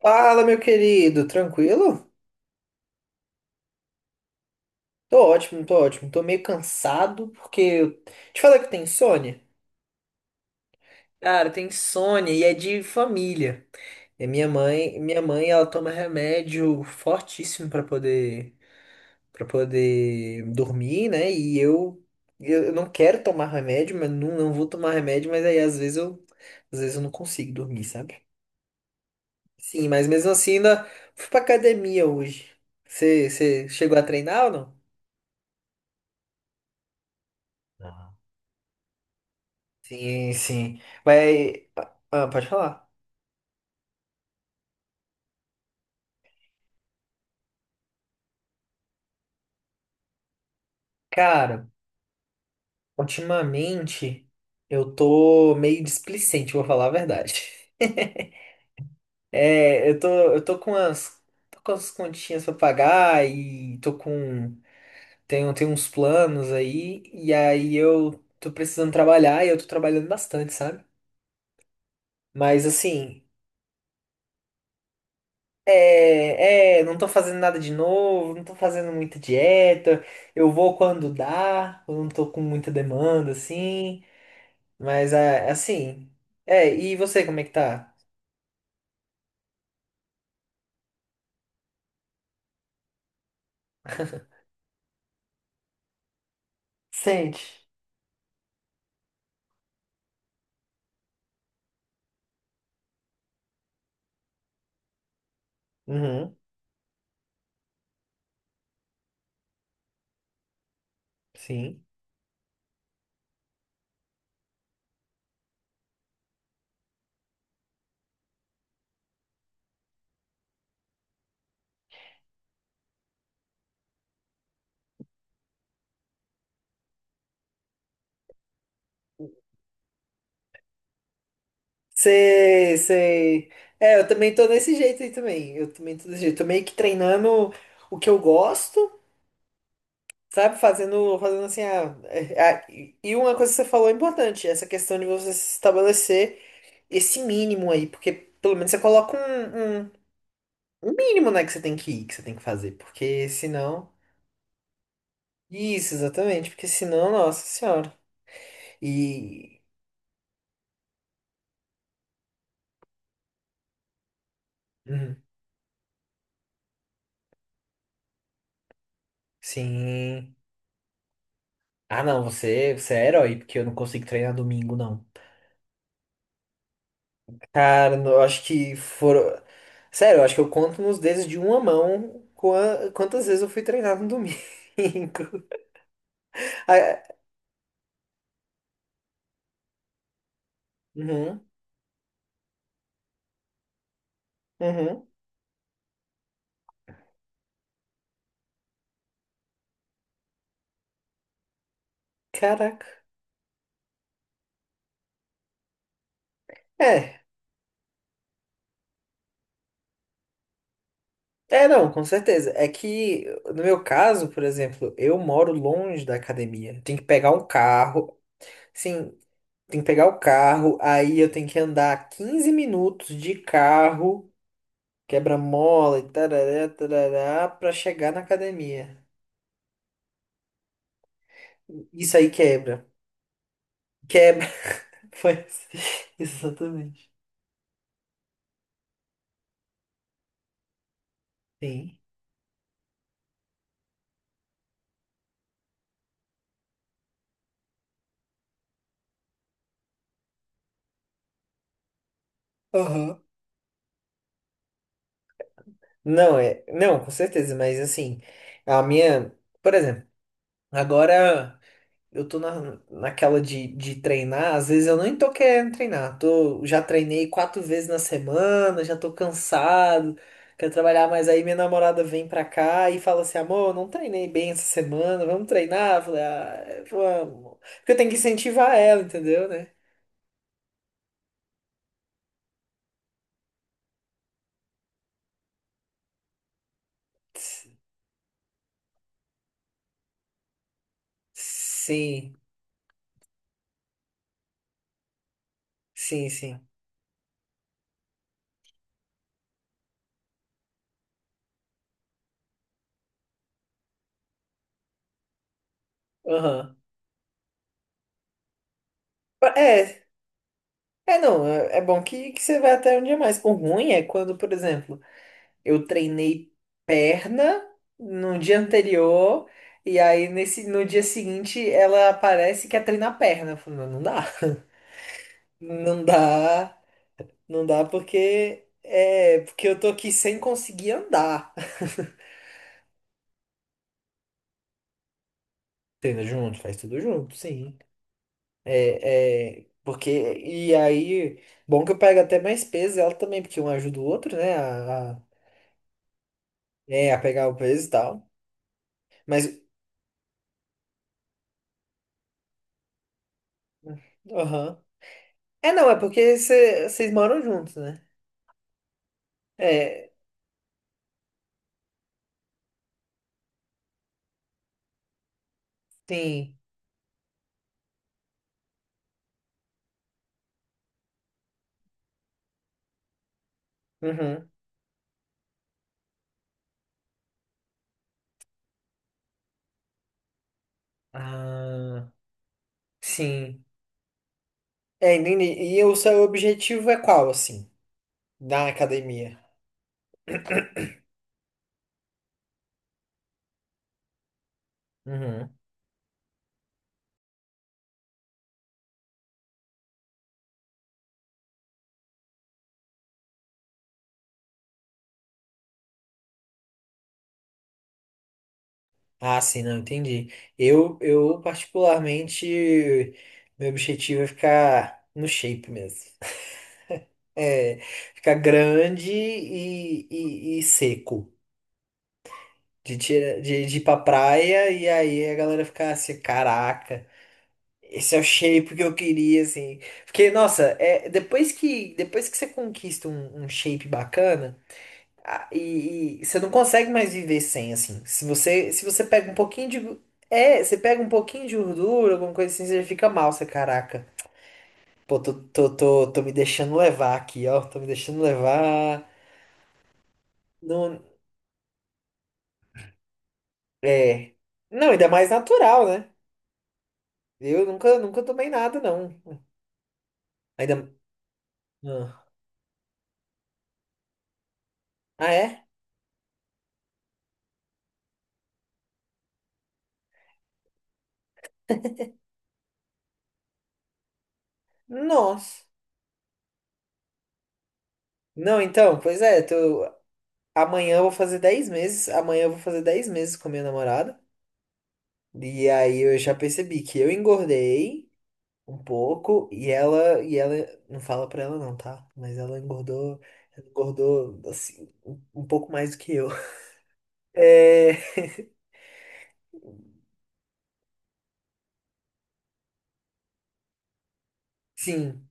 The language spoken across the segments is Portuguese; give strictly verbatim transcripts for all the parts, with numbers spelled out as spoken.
Fala, meu querido, tranquilo? Tô ótimo, tô ótimo. Tô meio cansado porque eu... te falei que tem insônia? Cara, tem insônia e é de família. E minha mãe, minha mãe, ela toma remédio fortíssimo pra poder para poder dormir, né? E eu eu não quero tomar remédio, mas não, não vou tomar remédio, mas aí às vezes eu às vezes eu não consigo dormir, sabe? Sim, mas mesmo assim ainda fui pra academia hoje. Você você chegou a treinar ou não? Sim, sim. Mas, ah, pode falar. Cara, ultimamente eu tô meio displicente, vou falar a verdade. É, eu tô, eu tô com umas, tô com as continhas pra pagar e tô com, tenho, tenho uns planos aí, e aí eu tô precisando trabalhar e eu tô trabalhando bastante, sabe? Mas assim, é, é, não tô fazendo nada de novo, não tô fazendo muita dieta, eu vou quando dá, eu não tô com muita demanda, assim. Mas é é assim. É, e você, como é que tá? Sente. Uhum, sim. Sei, sei. É, eu também tô desse jeito aí também. Eu também tô desse jeito. Tô meio que treinando o que eu gosto, sabe? Fazendo, fazendo assim. ah, é, ah, e uma coisa que você falou é importante, essa questão de você estabelecer esse mínimo aí, porque pelo menos você coloca um, um, um mínimo, né, que você tem que ir, que você tem que fazer, porque senão. Isso, exatamente, porque senão, nossa senhora. E. Uhum. Sim. Ah, não, você, você é herói, porque eu não consigo treinar domingo, não. Cara, não- eu acho que foram. Sério, eu acho que eu conto nos dedos de uma mão qua- quantas vezes eu fui treinar no domingo. Ah, uhum, uhum. Caraca. É, é, não, com certeza. É que, no meu caso, por exemplo, eu moro longe da academia. Tem que pegar um carro. Sim, tem que pegar o carro, aí eu tenho que andar quinze minutos de carro. Quebra-mola e tarará, tarará, pra chegar na academia. Isso aí quebra. Quebra. Foi assim. Exatamente. Sim. Aham. Não, é. Não, com certeza, mas assim, a minha. Por exemplo, agora. Eu tô na, naquela de, de treinar, às vezes eu nem tô querendo treinar. Tô, já treinei quatro vezes na semana, já tô cansado, quero trabalhar, mas aí minha namorada vem pra cá e fala assim, amor, eu não treinei bem essa semana, vamos treinar? Eu falei, ah, é, vamos. Porque eu tenho que incentivar ela, entendeu, né? S- Sim, sim, sim. Aham. É, é não, é é bom que, que você vai até um dia mais. O ruim é quando, por exemplo, eu treinei perna no dia anterior, e aí nesse, no dia seguinte ela parece que quer treinar perna. Eu falo, não, não dá. Não dá, não dá porque é porque eu tô aqui sem conseguir andar. Treina junto, faz tudo junto, sim. É, é, porque, e aí, bom que eu pego até mais peso ela também, porque um ajuda o outro, né, a, a, é, a pegar o peso e tal. Mas, aham. É, não, é porque cê- vocês moram juntos, né? É, sim. Uhum. Ah, sim. É, entendi. E o seu objetivo é qual, assim, da academia? Uhum. Ah, sim, não, entendi. Eu, eu particularmente, meu objetivo é ficar no shape mesmo. É, ficar grande e, e, e seco. De, tira, de, de ir pra praia e aí a galera ficar assim, caraca. Esse é o shape que eu queria, assim. Porque, nossa, é, depois que depois que você conquista um, um shape bacana, a- e, e você não consegue mais viver sem, assim. Se você, se você pega um pouquinho de. gu- É, você pega um pouquinho de gordura, alguma coisa assim, você fica mal, você, caraca. Pô, tô, tô, tô, tô me deixando levar aqui, ó. Tô me deixando levar. Não, é. Não, ainda mais natural, né? Eu nunca, nunca tomei nada, não. Ainda. Ah, ah, é? Nossa. Não, então, pois é, tô, amanhã eu vou fazer dez meses. Amanhã eu vou fazer dez meses com a minha namorada. E aí eu já percebi que eu engordei um pouco e ela e ela não fala pra ela não, tá? Mas ela engordou, ela engordou assim um um pouco mais do que eu. É, sim.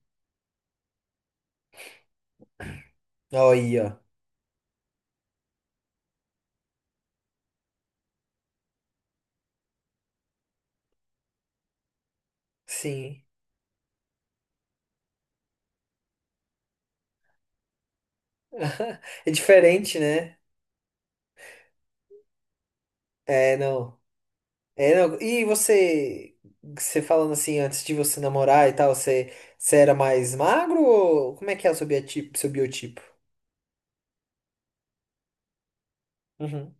Ó aí, ó. Sim. É diferente, né? É, não. É, não. E você, você falando assim, antes de você namorar e tal, você, você era mais magro ou como é que é o seu biotipo? Seu biotipo? Uhum.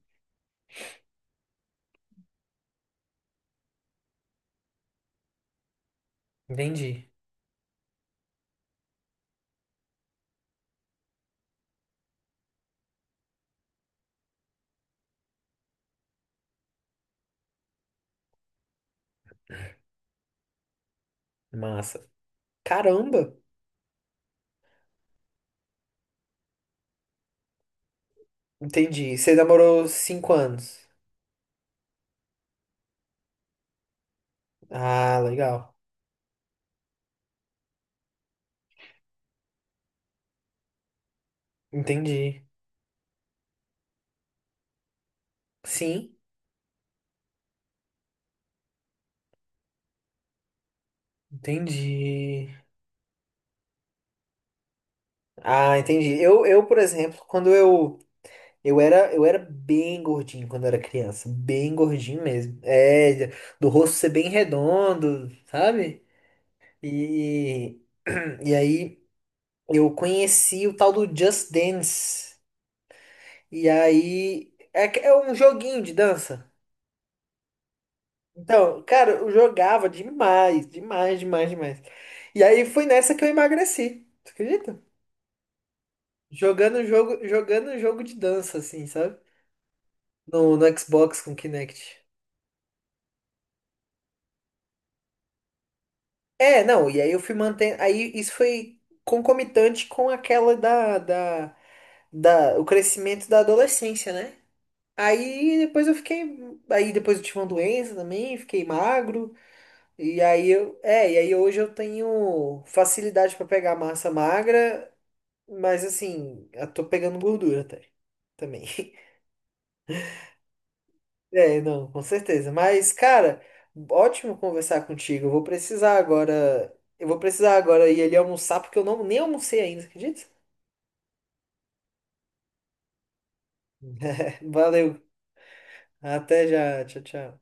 Entendi. Massa. Caramba! Entendi. Você namorou cinco anos. Ah, legal. Entendi. Sim, entendi. Ah, entendi. Eu, eu, por exemplo, quando eu. Eu era, eu era bem gordinho quando eu era criança. Bem gordinho mesmo. É, do rosto ser bem redondo, sabe? E. E aí eu conheci o tal do Just Dance. E aí. É, que- é um joguinho de dança. Então, cara, eu jogava demais, demais, demais, demais. E aí foi nessa que eu emagreci. Tu acredita? Jogando jogo, jogando jogo de dança, assim, sabe? No, no Xbox com Kinect. É, não, e aí eu fui mantendo. Aí isso foi concomitante com aquela da, da, da, o crescimento da adolescência, né? Aí depois eu fiquei. Aí depois eu tive uma doença também, fiquei magro. E aí eu. É, e aí hoje eu tenho facilidade pra pegar massa magra. Mas assim, eu tô pegando gordura até. Também. É, não, com certeza. Mas, cara, ótimo conversar contigo. Eu vou precisar agora. Eu vou precisar agora ir ali almoçar, porque eu não, nem almocei ainda, acredita? Valeu. Até já. Tchau, tchau.